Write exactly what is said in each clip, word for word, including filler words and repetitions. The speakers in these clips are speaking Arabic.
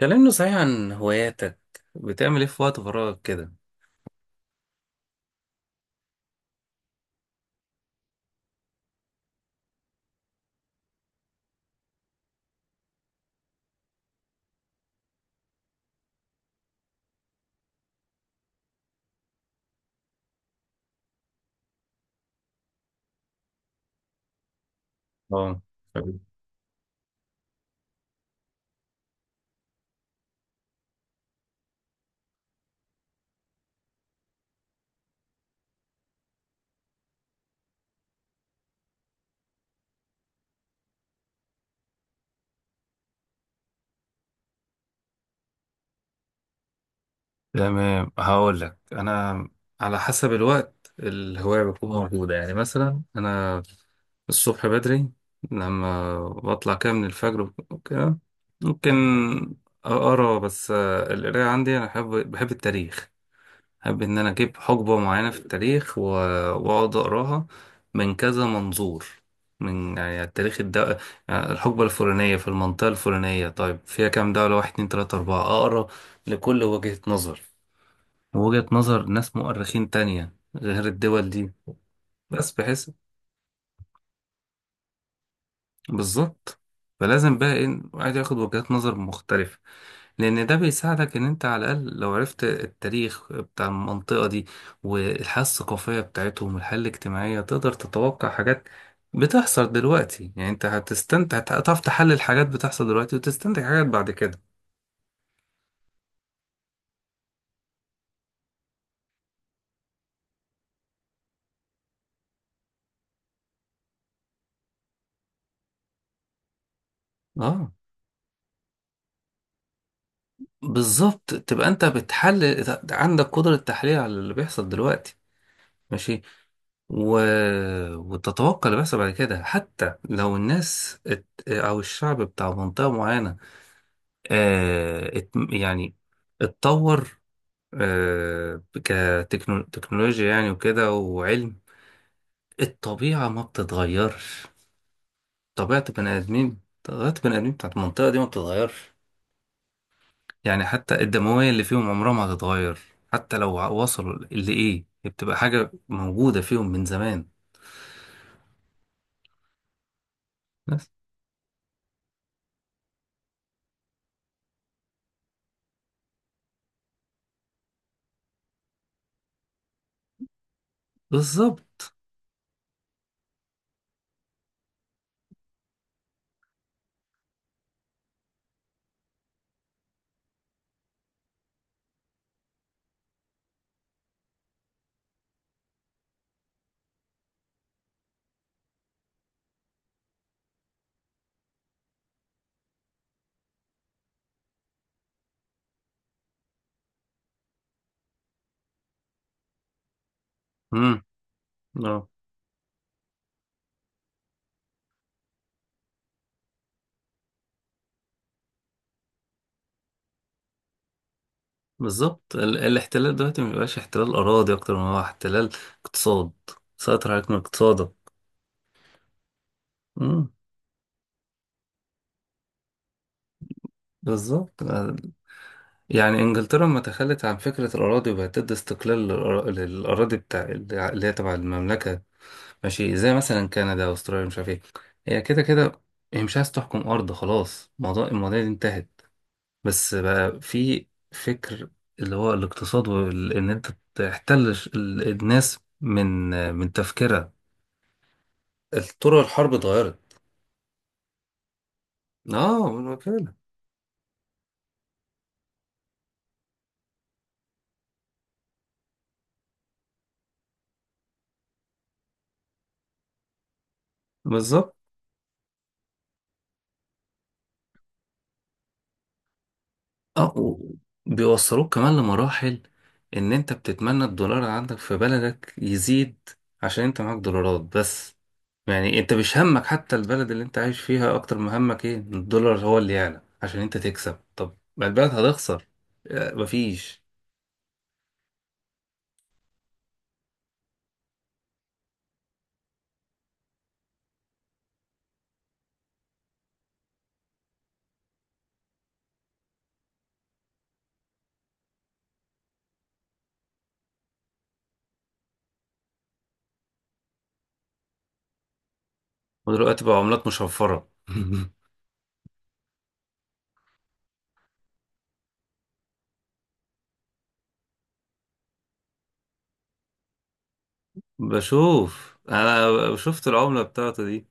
كلمني صحيح عن هواياتك. بتعمل ايه في وقت فراغك كده؟ اه، تمام، هقول لك انا. على حسب الوقت الهواية بتكون موجودة، يعني مثلا أنا الصبح بدري لما بطلع كده من الفجر وكده ممكن أقرأ بس. آه، القراية عندي أنا بحب بحب التاريخ. أحب إن أنا أجيب حقبة معينة في التاريخ و- وأقعد أقراها من كذا منظور. من يعني التاريخ الد... يعني الحقبة الفلانية في المنطقة الفلانية، طيب فيها كام دولة؟ واحد، اتنين، تلاتة، أربعة، أقرا لكل وجهة نظر، ووجهة نظر ناس مؤرخين تانية غير الدول دي. بس بحيث بالظبط. فلازم بقى ايه الواحد ياخد وجهات نظر مختلفة، لأن ده بيساعدك إن أنت على الأقل لو عرفت التاريخ بتاع المنطقة دي والحياة الثقافية بتاعتهم والحياة الاجتماعية تقدر تتوقع حاجات بتحصل دلوقتي. يعني أنت هتستمتع، هتعرف تحلل حاجات بتحصل دلوقتي وتستنتج حاجات بعد كده. اه، بالظبط، تبقى أنت بتحلل، عندك قدرة تحليل على اللي بيحصل دلوقتي. ماشي. و... وتتوقع اللي بيحصل بعد كده، حتى لو الناس ات... او الشعب بتاع منطقة معينة آه... ات... يعني اتطور، آه... كتكنولوجيا يعني وكده وعلم. الطبيعة ما بتتغيرش. طبيعة بني آدمين طبيعة بني آدمين بتاعت المنطقة دي ما بتتغيرش. يعني حتى الدموية اللي فيهم عمرها ما هتتغير. حتى لو وصلوا لإيه، هي بتبقى حاجة موجودة فيهم من زمان. بس. بالظبط. مم. اه، بالظبط. ال الاحتلال دلوقتي ما بيبقاش احتلال أراضي أكتر ما هو احتلال اقتصاد. سيطر عليك من اقتصادك. مم، بالظبط. آه، يعني إنجلترا لما تخلت عن فكرة الأراضي وبقت تدي استقلال للأرا- للأراضي بتاع اللي هي تبع المملكة، ماشي، زي مثلا كندا وأستراليا مش عارف إيه. هي كده كده. هي مش عايز تحكم أرض، خلاص موضوع المواضيع دي انتهت. بس بقى في فكر اللي هو الاقتصاد، وإن أنت تحتل الناس من من تفكيرها. طرق الحرب اتغيرت. اه، ما فعلا. بالظبط. اه، و- بيوصلوك كمان لمراحل ان انت بتتمنى الدولار اللي عندك في بلدك يزيد عشان انت معاك دولارات بس. يعني انت مش همك حتى البلد اللي انت عايش فيها اكتر ما همك ايه إن الدولار هو اللي يعلى عشان انت تكسب. طب ما البلد هتخسر. آه، مفيش. ودلوقتي بقى عملات مشفرة بشوف، انا شفت العملة بتاعته دي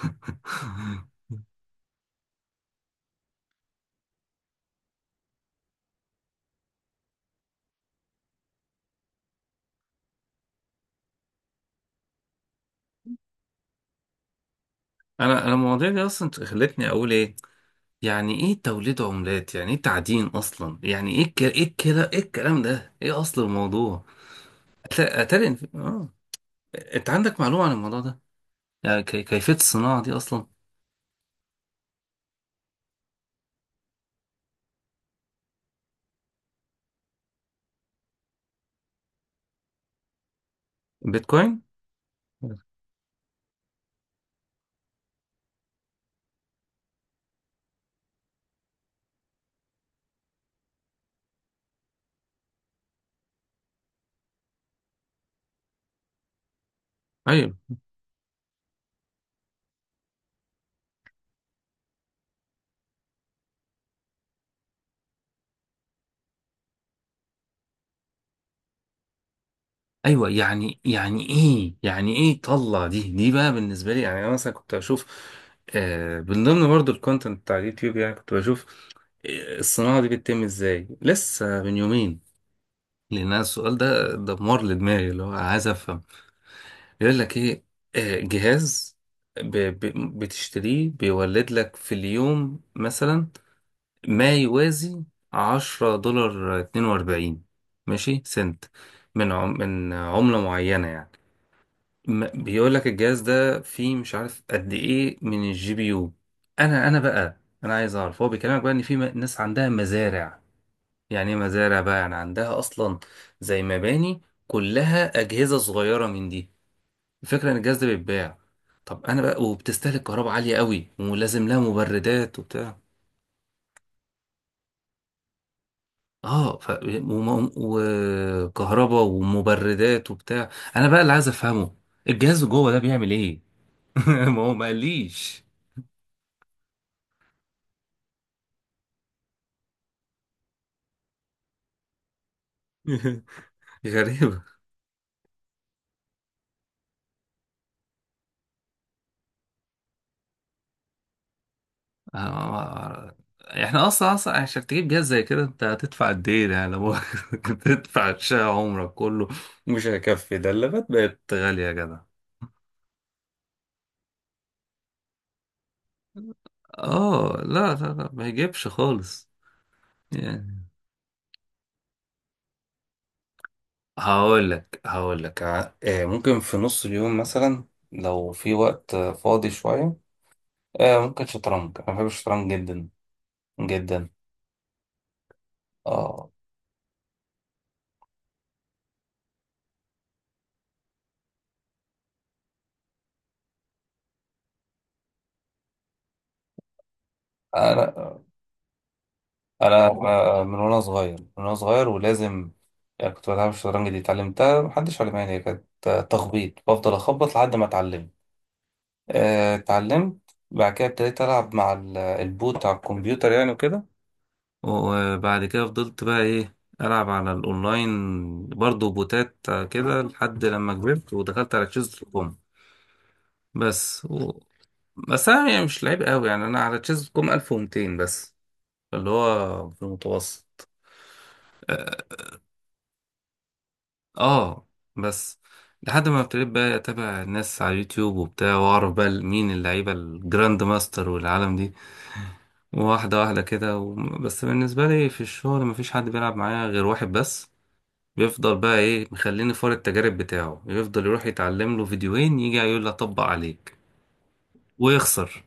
انا انا المواضيع دي اصلا خلتني اقول ايه يعني ايه توليد عملات، يعني ايه تعدين اصلا، يعني ايه الك- ايه الكلا ايه الكلام ده، ايه اصل الموضوع. أت- اتاري إن- اه انت عندك معلومة عن الموضوع ده، يعني كي- كيفية الصناعة دي اصلا؟ بيتكوين. ايوه، ايوه. يعني يعني ايه يعني ايه طلع؟ دي دي بقى بالنسبة لي. يعني انا مثلا كنت اشوف، آه من ضمن برضو الكونتنت بتاع اليوتيوب يعني كنت بشوف آه، الصناعة دي بتتم ازاي، لسه من يومين. لان أنا السؤال ده دمار لدماغي اللي هو أنا عايز افهم. يقول لك ايه، آه، جهاز ب... ب... بتشتريه بيولد لك في اليوم مثلا ما يوازي عشرة دولار اتنين واربعين ماشي سنت من عم... من عملة معينة يعني. ما- بيقول لك الجهاز ده فيه مش عارف قد ايه من الجي بي يو. انا انا بقى انا عايز اعرف هو بيكلمك بقى ان في م- ناس عندها مزارع. يعني ايه مزارع بقى؟ يعني عندها اصلا زي مباني كلها اجهزه صغيره من دي. الفكره ان الجهاز ده بيتباع. طب انا بقى، وبتستهلك كهرباء عاليه قوي ولازم لها مبردات وبتاع. اه، ف... وم- وكهرباء ومبردات وبتاع. انا بقى اللي عايز افهمه، الجهاز جوه ده بيعمل ايه؟ ما هو ما قاليش. غريبه. آه، احنا اصلا اصلا عشان تجيب جهاز زي كده انت هتدفع قد ايه؟ يعني لو كنت تدفع شقة عمرك كله مش هيكفي. ده اللابات بقت غالية يا جدع. اه، لا لا لا، ما يجيبش خالص. يعني هقول لك هقول لك ع- آه، ممكن في نص اليوم مثلا لو في وقت آه، فاضي شوية. آه، ممكن شطرنج، انا بحب الشطرنج جدا جدا. اه، انا آه، من وانا صغير. من وانا صغير ولازم يعني كنت بلعب. الشطرنج دي اتعلمتها، محدش علمها لي، هي كانت آه، تخبيط بفضل اخبط لحد ما اتعلمت آه، اتعلمت. بعد كده ابتديت العب مع ال- البوت بتاع الكمبيوتر يعني وكده. وبعد كده فضلت بقى ايه العب على الاونلاين برضو بوتات، آه، كده لحد لما كبرت ودخلت على تشيز دوت كوم. بس و... بس انا يعني مش لعيب قوي يعني، انا على تشيز دوت كوم ألف ومئتين بس، اللي هو في المتوسط. اه، بس لحد ما ابتديت بقى اتابع الناس على اليوتيوب وبتاع واعرف بقى مين اللعيبه، الجراند ماستر والعالم دي، واحده واحده كده. و... بس بالنسبه لي في الشغل مفيش حد بيلعب معايا غير واحد بس، بيفضل بقى ايه مخليني فار التجارب بتاعه، يفضل يروح يتعلم له فيديوهين يجي يقول لي اطبق عليك ويخسر.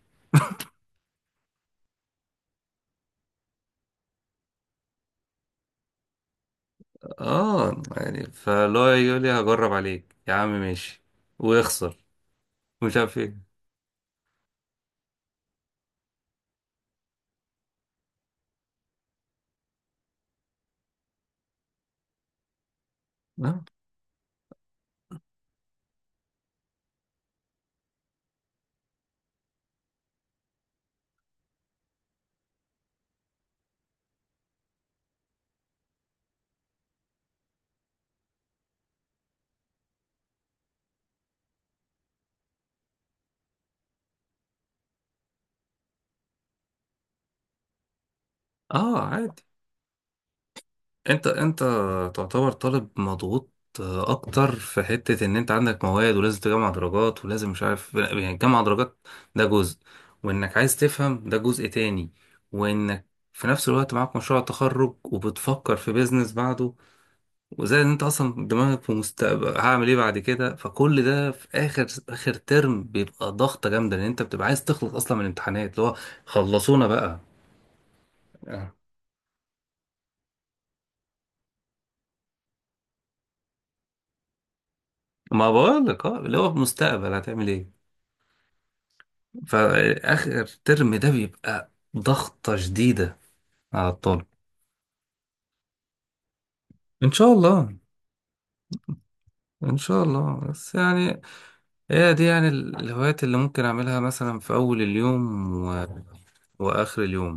اه، يعني فلو يقول لي هجرب عليك يا عم، ماشي، ويخسر مش عارف ايه. اه. آه، عادي. انت انت تعتبر طالب مضغوط اكتر في حتة ان انت عندك مواد ولازم تجمع درجات ولازم مش عارف يعني تجمع درجات، ده جزء، وانك عايز تفهم ده جزء تاني، وانك في نفس الوقت معاك مشروع تخرج وبتفكر في بيزنس بعده، وزي ان انت اصلا دماغك في مستقبل هعمل ايه بعد كده. فكل ده في اخر اخر ترم بيبقى ضغطة جامدة لان انت بتبقى عايز تخلص اصلا من الامتحانات اللي هو خلصونا بقى. آه. ما بقولك، اه، اللي هو مستقبل هتعمل ايه. فآخر ترم ده بيبقى ضغطة شديدة على الطالب. إن شاء الله. إن شاء الله. بس يعني هي دي يعني ال- الهوايات اللي ممكن أعملها مثلا في أول اليوم و... وآخر اليوم.